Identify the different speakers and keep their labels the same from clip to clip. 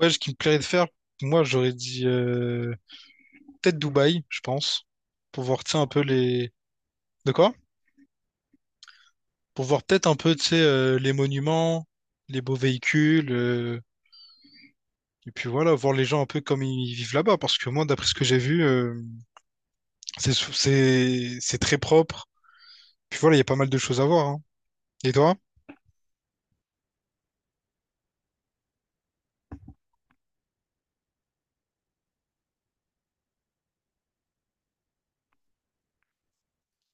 Speaker 1: Ouais, ce qui me plairait de faire, moi, j'aurais dit peut-être Dubaï, je pense, pour voir, tu sais, un peu les... De quoi? Pour voir peut-être un peu, tu sais, les monuments, les beaux véhicules, et puis voilà, voir les gens un peu comme ils vivent là-bas, parce que moi, d'après ce que j'ai vu, c'est très propre. Puis voilà, il y a pas mal de choses à voir, hein. Et toi?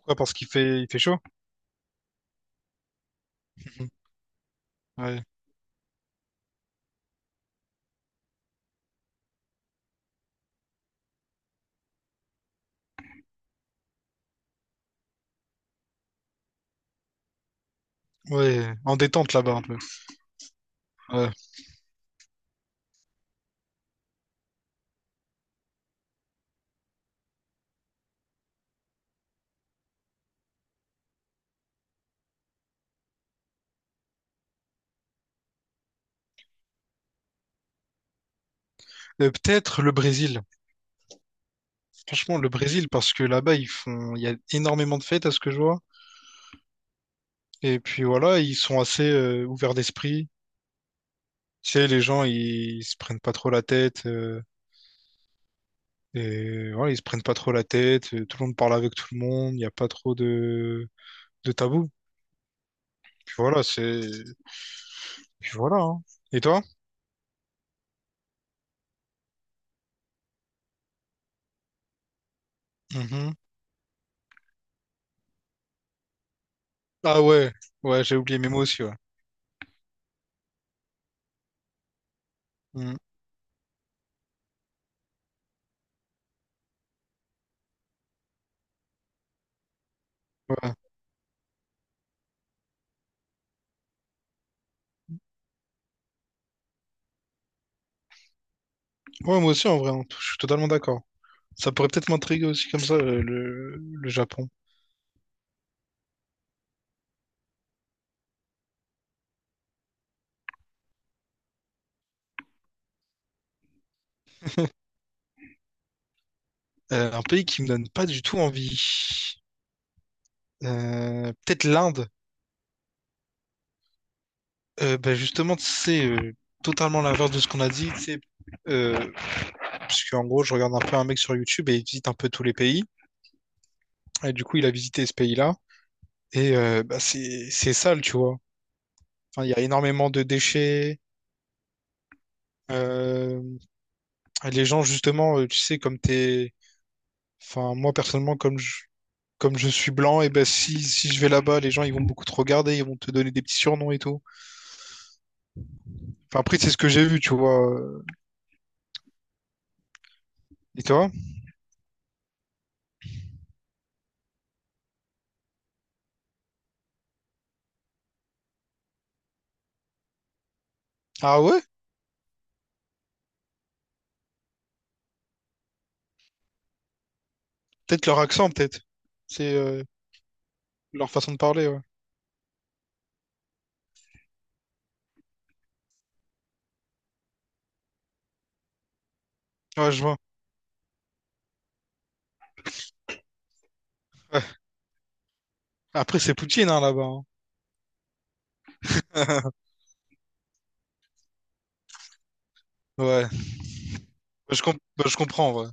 Speaker 1: Pourquoi? Parce qu'il fait chaud? Ouais, ouais, en détente là-bas un peu. Ouais. Peut-être le Brésil. Franchement, le Brésil, parce que là-bas, ils font, il y a énormément de fêtes à ce que je vois. Et puis voilà, ils sont assez ouverts d'esprit. Tu sais, les gens, ils se prennent pas trop la tête. Et voilà, ils se prennent pas trop la tête. Tout le monde parle avec tout le monde. Il n'y a pas trop de tabou. Puis voilà, c'est. Puis voilà, hein. Et toi? Mhm. Ah ouais, ouais, j'ai oublié, mais moi aussi, ouais. Mhm. Ouais. Ouais, moi aussi, en vrai, hein, je suis totalement d'accord. Ça pourrait peut-être m'intriguer aussi comme ça, le Japon. Un pays qui me donne pas du tout envie. Peut-être l'Inde. Ben justement, c'est totalement l'inverse de ce qu'on a dit, tu sais, euh, parce qu'en gros, je regarde un peu un mec sur YouTube et il visite un peu tous les pays. Et du coup, il a visité ce pays-là. Et bah, c'est sale, tu vois. Enfin, il y a énormément de déchets. Euh, et les gens, justement, tu sais, comme t'es... Enfin, moi, personnellement, comme je suis blanc, et ben si je vais là-bas, les gens, ils vont beaucoup te regarder, ils vont te donner des petits surnoms et tout. Enfin, après, c'est ce que j'ai vu, tu vois. Et toi? Ah ouais? Peut-être leur accent, peut-être. C'est Leur façon de parler, ouais. Ouais, je vois. Ouais. Après, c'est Poutine, hein, là-bas, hein. Ouais. Bah, je comprends, ouais.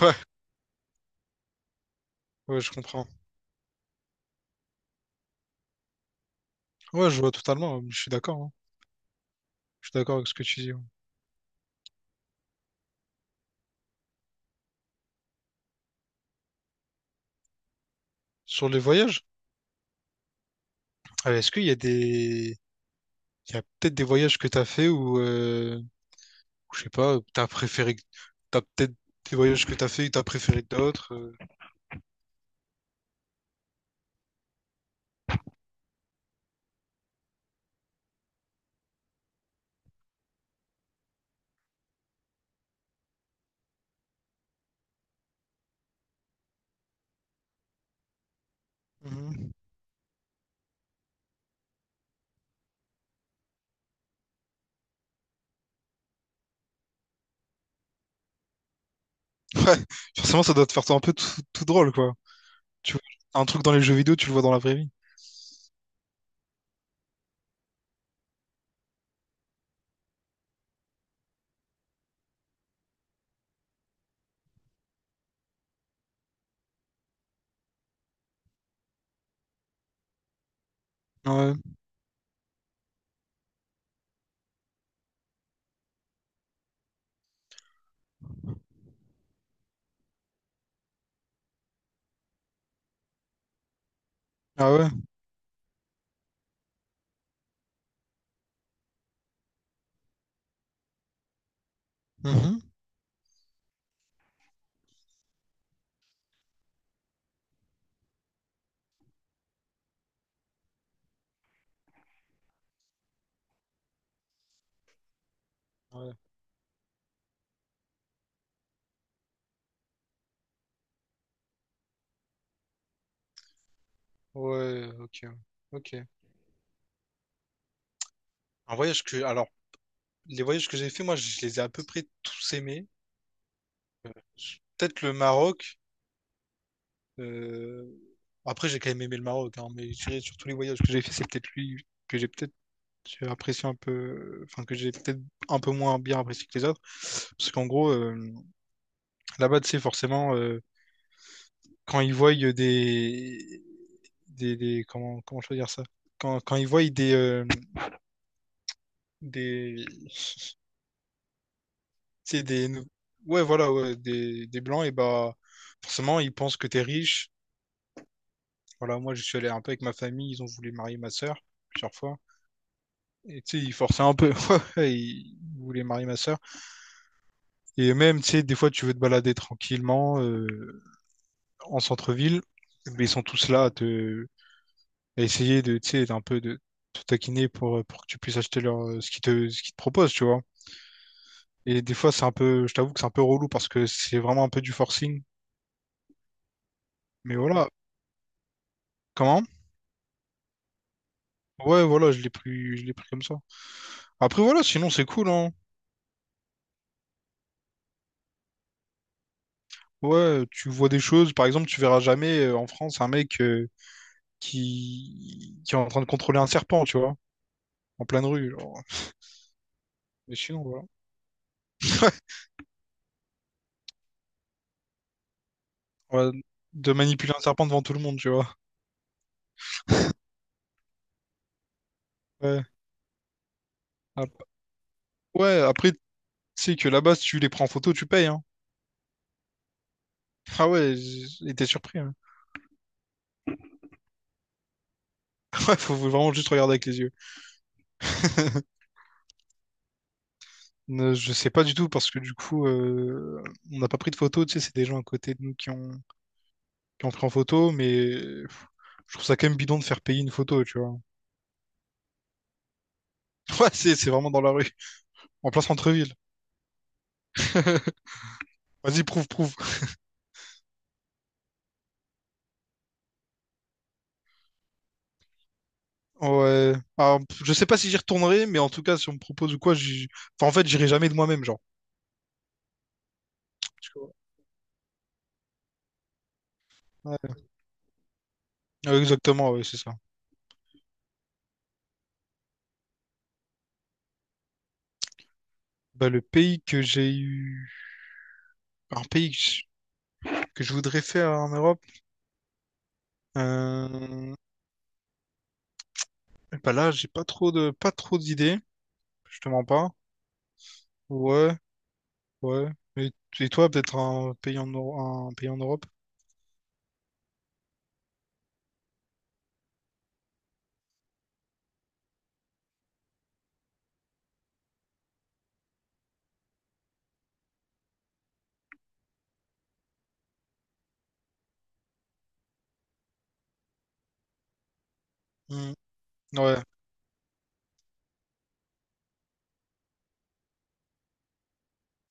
Speaker 1: Ouais, ouais, je comprends. Ouais, je vois totalement, ouais. Je suis d'accord, hein. Je suis d'accord avec ce que tu dis, ouais. Sur les voyages, est-ce qu'il y a des... Il y a peut-être des voyages que t'as fait ou je sais pas, t'as préféré... T'as peut-être des voyages que t'as fait que t'as préféré que d'autres, euh? Mhm. Ouais, forcément, ça doit te faire un peu tout drôle, quoi. Tu vois, un truc dans les jeux vidéo, tu le vois dans la vraie vie. Ouais. Ah ouais. Mhm. Ouais. Ouais, ok. Ok. Un voyage que, alors, les voyages que j'ai fait, moi, je les ai à peu près tous aimés. Euh, Peut-être le Maroc. Euh, après, j'ai quand même aimé le Maroc, hein, mais je dirais sur tous les voyages que j'ai fait, c'est peut-être lui que j'ai peut-être apprécié un peu, enfin que j'ai peut-être un peu moins bien apprécié que les autres. Parce qu'en gros, là-bas, tu sais, forcément, quand ils voient comment, comment je peux dire ça? Quand ils voient tu sais, ouais, voilà, ouais, des blancs, et bah, forcément, ils pensent que t'es riche. Voilà, moi, je suis allé un peu avec ma famille, ils ont voulu marier ma sœur plusieurs fois. Et tu sais, il forçait un peu. Il voulait marier ma sœur. Et même, tu sais, des fois, tu veux te balader tranquillement en centre-ville. Mais ils sont tous là à essayer de, tu sais, d'un peu de te taquiner pour que tu puisses acheter leur, ce qu'ils te proposent, tu vois. Et des fois, c'est un peu, je t'avoue que c'est un peu relou parce que c'est vraiment un peu du forcing. Mais voilà. Comment? Ouais, voilà, je l'ai pris comme ça. Après, voilà, sinon, c'est cool, hein. Ouais, tu vois des choses. Par exemple, tu verras jamais en France un mec, qui est en train de contrôler un serpent, tu vois, en pleine rue, genre. Mais sinon, voilà. Ouais, de manipuler un serpent devant tout le monde, tu vois. Ouais, Ap- ouais après, tu sais que là-bas, si tu les prends en photo, tu payes, hein. Ah ouais, j'étais surpris, hein. Ouais, faut vraiment juste regarder avec les yeux. Je sais pas du tout parce que du coup, on n'a pas pris de photos. Tu sais, c'est des gens à côté de nous qui ont pris en photo, mais pff, je trouve ça quand même bidon de faire payer une photo, tu vois. Ouais, c'est vraiment dans la rue, en plein centre-ville. Vas-y, prouve. Ouais. Alors, je sais pas si j'y retournerai, mais en tout cas, si on me propose ou quoi, j'y... enfin, en fait, j'irai jamais de moi-même, genre. Tu vois. Ouais. Ouais, exactement, ouais, c'est ça. Bah, le pays que j'ai eu, un pays que je voudrais faire en Europe, euh... Bah là, j'ai pas trop de, pas trop d'idées, je te mens pas. Ouais, ouais. Et, et toi, peut-être un pays en, un pays en Europe? Hmm. Ouais.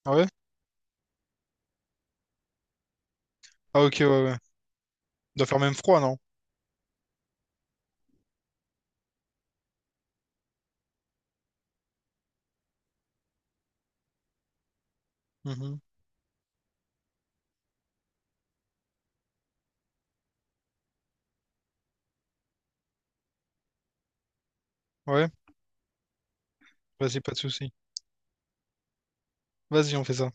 Speaker 1: Ah ouais. Ah, ok, ouais, ouais. Doit faire même froid, non? Mhm. Ouais, vas-y, pas de souci. Vas-y, on fait ça.